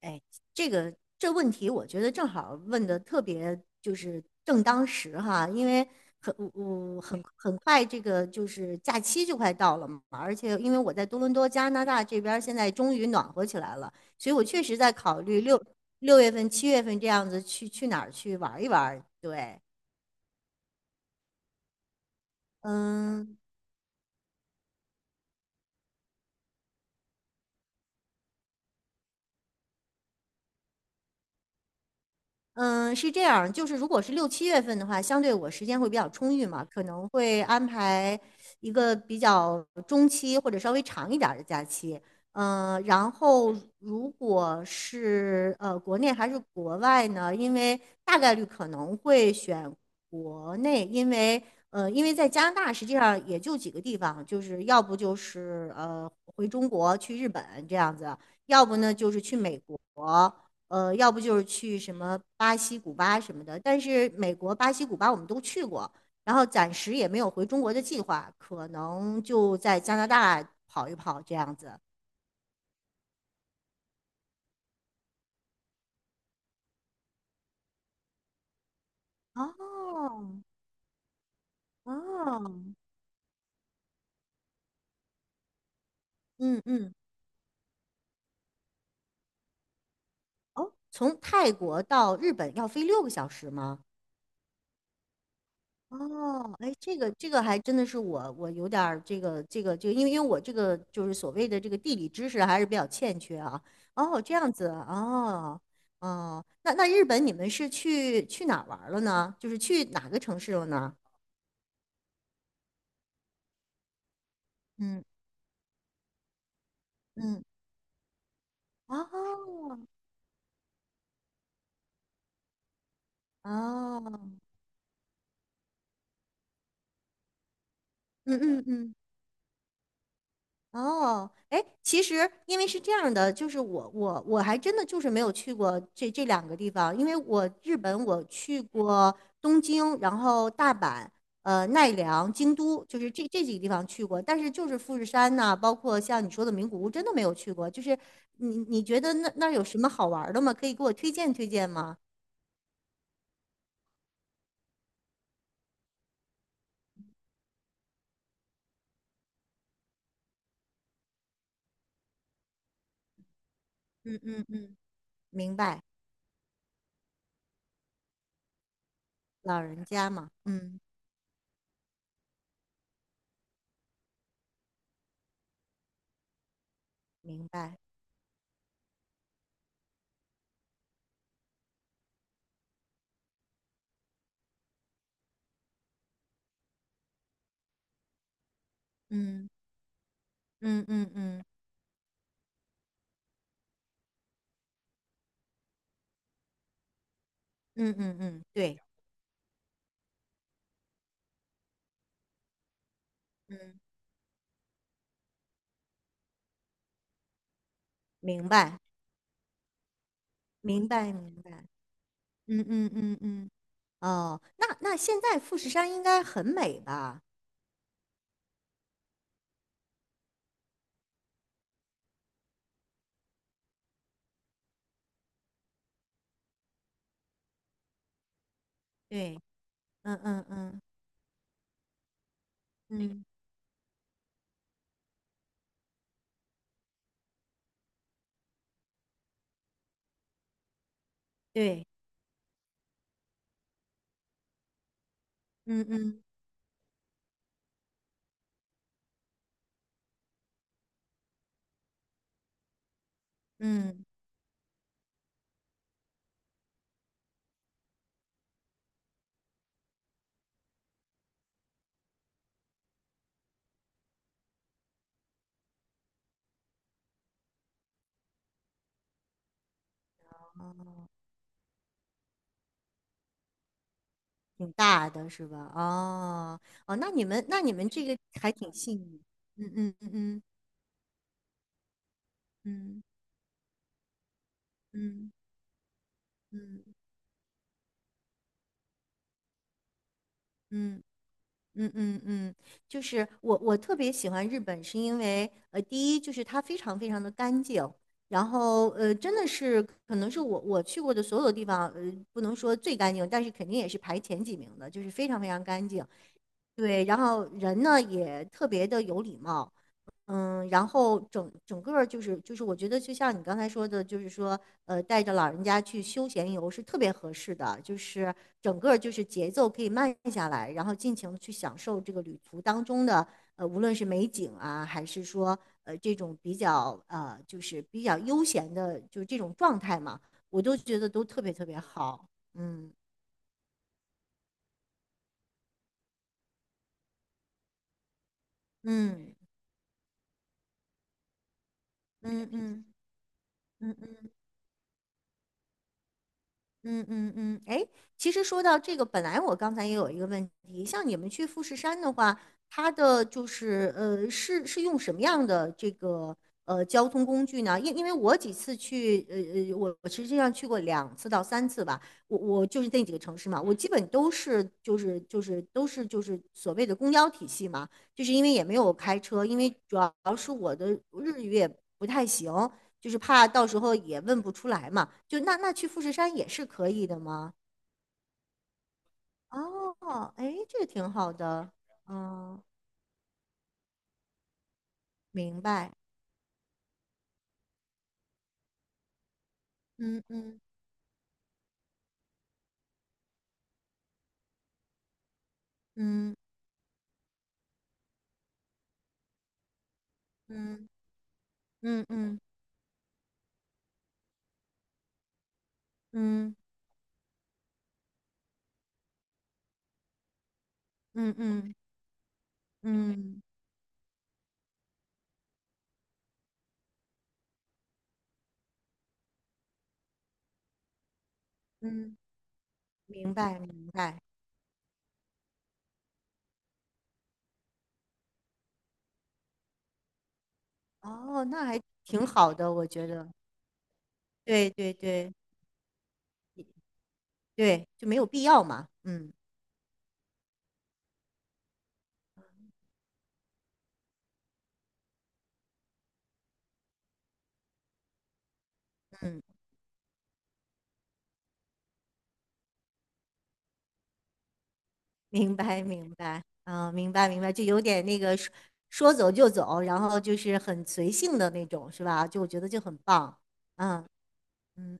哎，这问题，我觉得正好问的特别就是正当时哈。因为我很快这个就是假期就快到了嘛，而且因为我在多伦多加拿大这边儿现在终于暖和起来了，所以我确实在考虑六月份、七月份这样子去哪儿去玩一玩。对。嗯。嗯，是这样，就是如果是6、7月份的话，相对我时间会比较充裕嘛，可能会安排一个比较中期或者稍微长一点儿的假期。嗯，然后如果是国内还是国外呢？因为大概率可能会选国内。因为在加拿大实际上也就几个地方，就是要不就是回中国去日本这样子，要不呢就是去美国。要不就是去什么巴西、古巴什么的。但是美国、巴西、古巴我们都去过，然后暂时也没有回中国的计划，可能就在加拿大跑一跑这样子。哦。哦。嗯嗯。哦，从泰国到日本要飞6个小时吗？哦。哎，这个还真的是我有点儿这个，因为我这个就是所谓的这个地理知识还是比较欠缺啊。哦，这样子。哦。哦，那日本你们是去哪儿玩儿了呢？就是去哪个城市了呢？嗯嗯。哦。哦。嗯嗯嗯。哦。哎，其实因为是这样的，就是我还真的就是没有去过这两个地方，因为我日本我去过东京，然后大阪、奈良、京都，就是这几个地方去过，但是就是富士山呐、包括像你说的名古屋，真的没有去过。就是你觉得那儿有什么好玩儿的吗？可以给我推荐推荐吗？嗯嗯嗯。明白。老人家嘛。嗯。明白。嗯嗯嗯嗯嗯嗯嗯。对。嗯。明白。明白明白。嗯嗯嗯嗯。哦，那现在富士山应该很美吧？对。嗯嗯嗯嗯。对。嗯嗯嗯。挺大的是吧？哦。哦，那你们这个还挺幸运。嗯嗯嗯嗯嗯嗯嗯嗯嗯。嗯嗯嗯。就是我特别喜欢日本，是因为第一就是它非常非常的干净，然后真的是可能是我去过的所有地方，不能说最干净，但是肯定也是排前几名的，就是非常非常干净。对，然后人呢也特别的有礼貌。嗯，然后整个儿就是，我觉得就像你刚才说的，就是说，带着老人家去休闲游是特别合适的，就是整个儿就是节奏可以慢下来，然后尽情的去享受这个旅途当中的，无论是美景啊，还是说，这种比较就是比较悠闲的，就是这种状态嘛，我都觉得都特别特别好。嗯嗯嗯嗯嗯嗯嗯嗯嗯。哎，其实说到这个，本来我刚才也有一个问题，像你们去富士山的话，它的就是是用什么样的这个交通工具呢？因为我几次去，我实际上去过2次到3次吧。我就是那几个城市嘛，我基本都是就是所谓的公交体系嘛，就是因为也没有开车，因为主要是我的日语也不太行。就是怕到时候也问不出来嘛。就那去富士山也是可以的吗？哦。哎，这个挺好的。嗯，明白。嗯嗯嗯嗯嗯嗯嗯嗯嗯嗯嗯。明白明白。哦，那还挺好的，我觉得。对对对对，就没有必要嘛。嗯嗯。明白，明白。嗯。明白，明白，就有点那个说说走就走，然后就是很随性的那种，是吧？就我觉得就很棒。嗯嗯。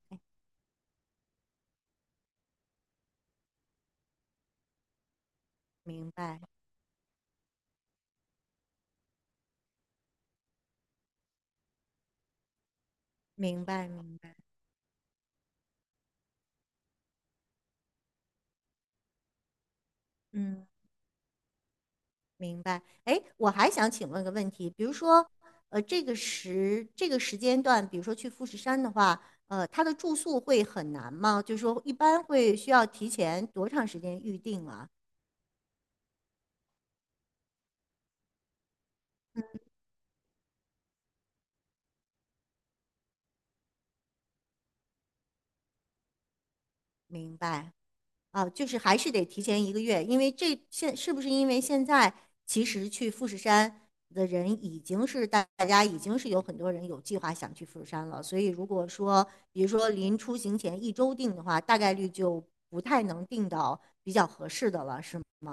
明白，明白，明白。嗯。明白。哎，我还想请问个问题，比如说，这个时间段，比如说去富士山的话，它的住宿会很难吗？就是说，一般会需要提前多长时间预定啊？明白。啊，就是还是得提前1个月，因为这现是不是因为现在其实去富士山的人已经是大家已经是有很多人有计划想去富士山了，所以如果说比如说临出行前1周定的话，大概率就不太能定到比较合适的了，是吗？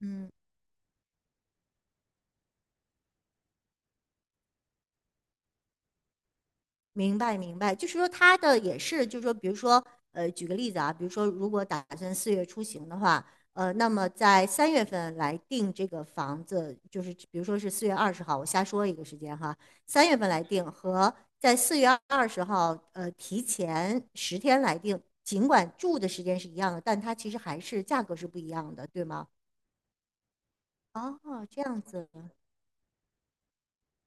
嗯。明白明白，就是说他的也是，就是说，比如说，举个例子啊，比如说，如果打算四月出行的话，那么在三月份来定这个房子，就是比如说是四月二十号，我瞎说一个时间哈，三月份来定和在四月二十号，提前10天来定，尽管住的时间是一样的，但它其实还是价格是不一样的，对吗？哦，这样子。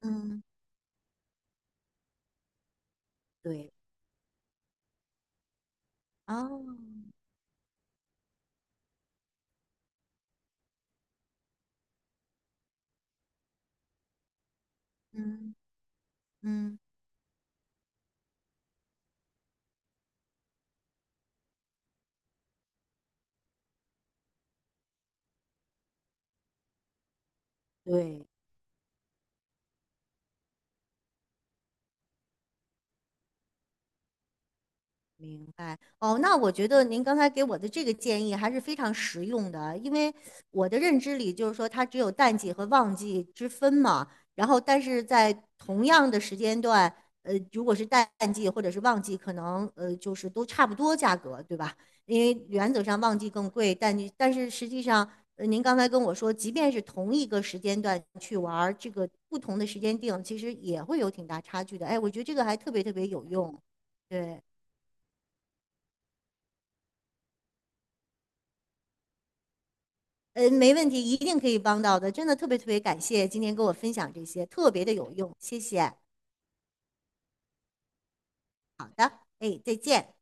嗯。对。哦。嗯嗯。对。明白哦，那我觉得您刚才给我的这个建议还是非常实用的啊，因为我的认知里就是说它只有淡季和旺季之分嘛。然后但是在同样的时间段，如果是淡季或者是旺季，可能就是都差不多价格，对吧？因为原则上旺季更贵，淡季，但是实际上，您刚才跟我说，即便是同一个时间段去玩儿这个不同的时间定，其实也会有挺大差距的。哎，我觉得这个还特别特别有用，对。嗯，没问题，一定可以帮到的。真的特别特别感谢今天跟我分享这些，特别的有用，谢谢。哎，再见。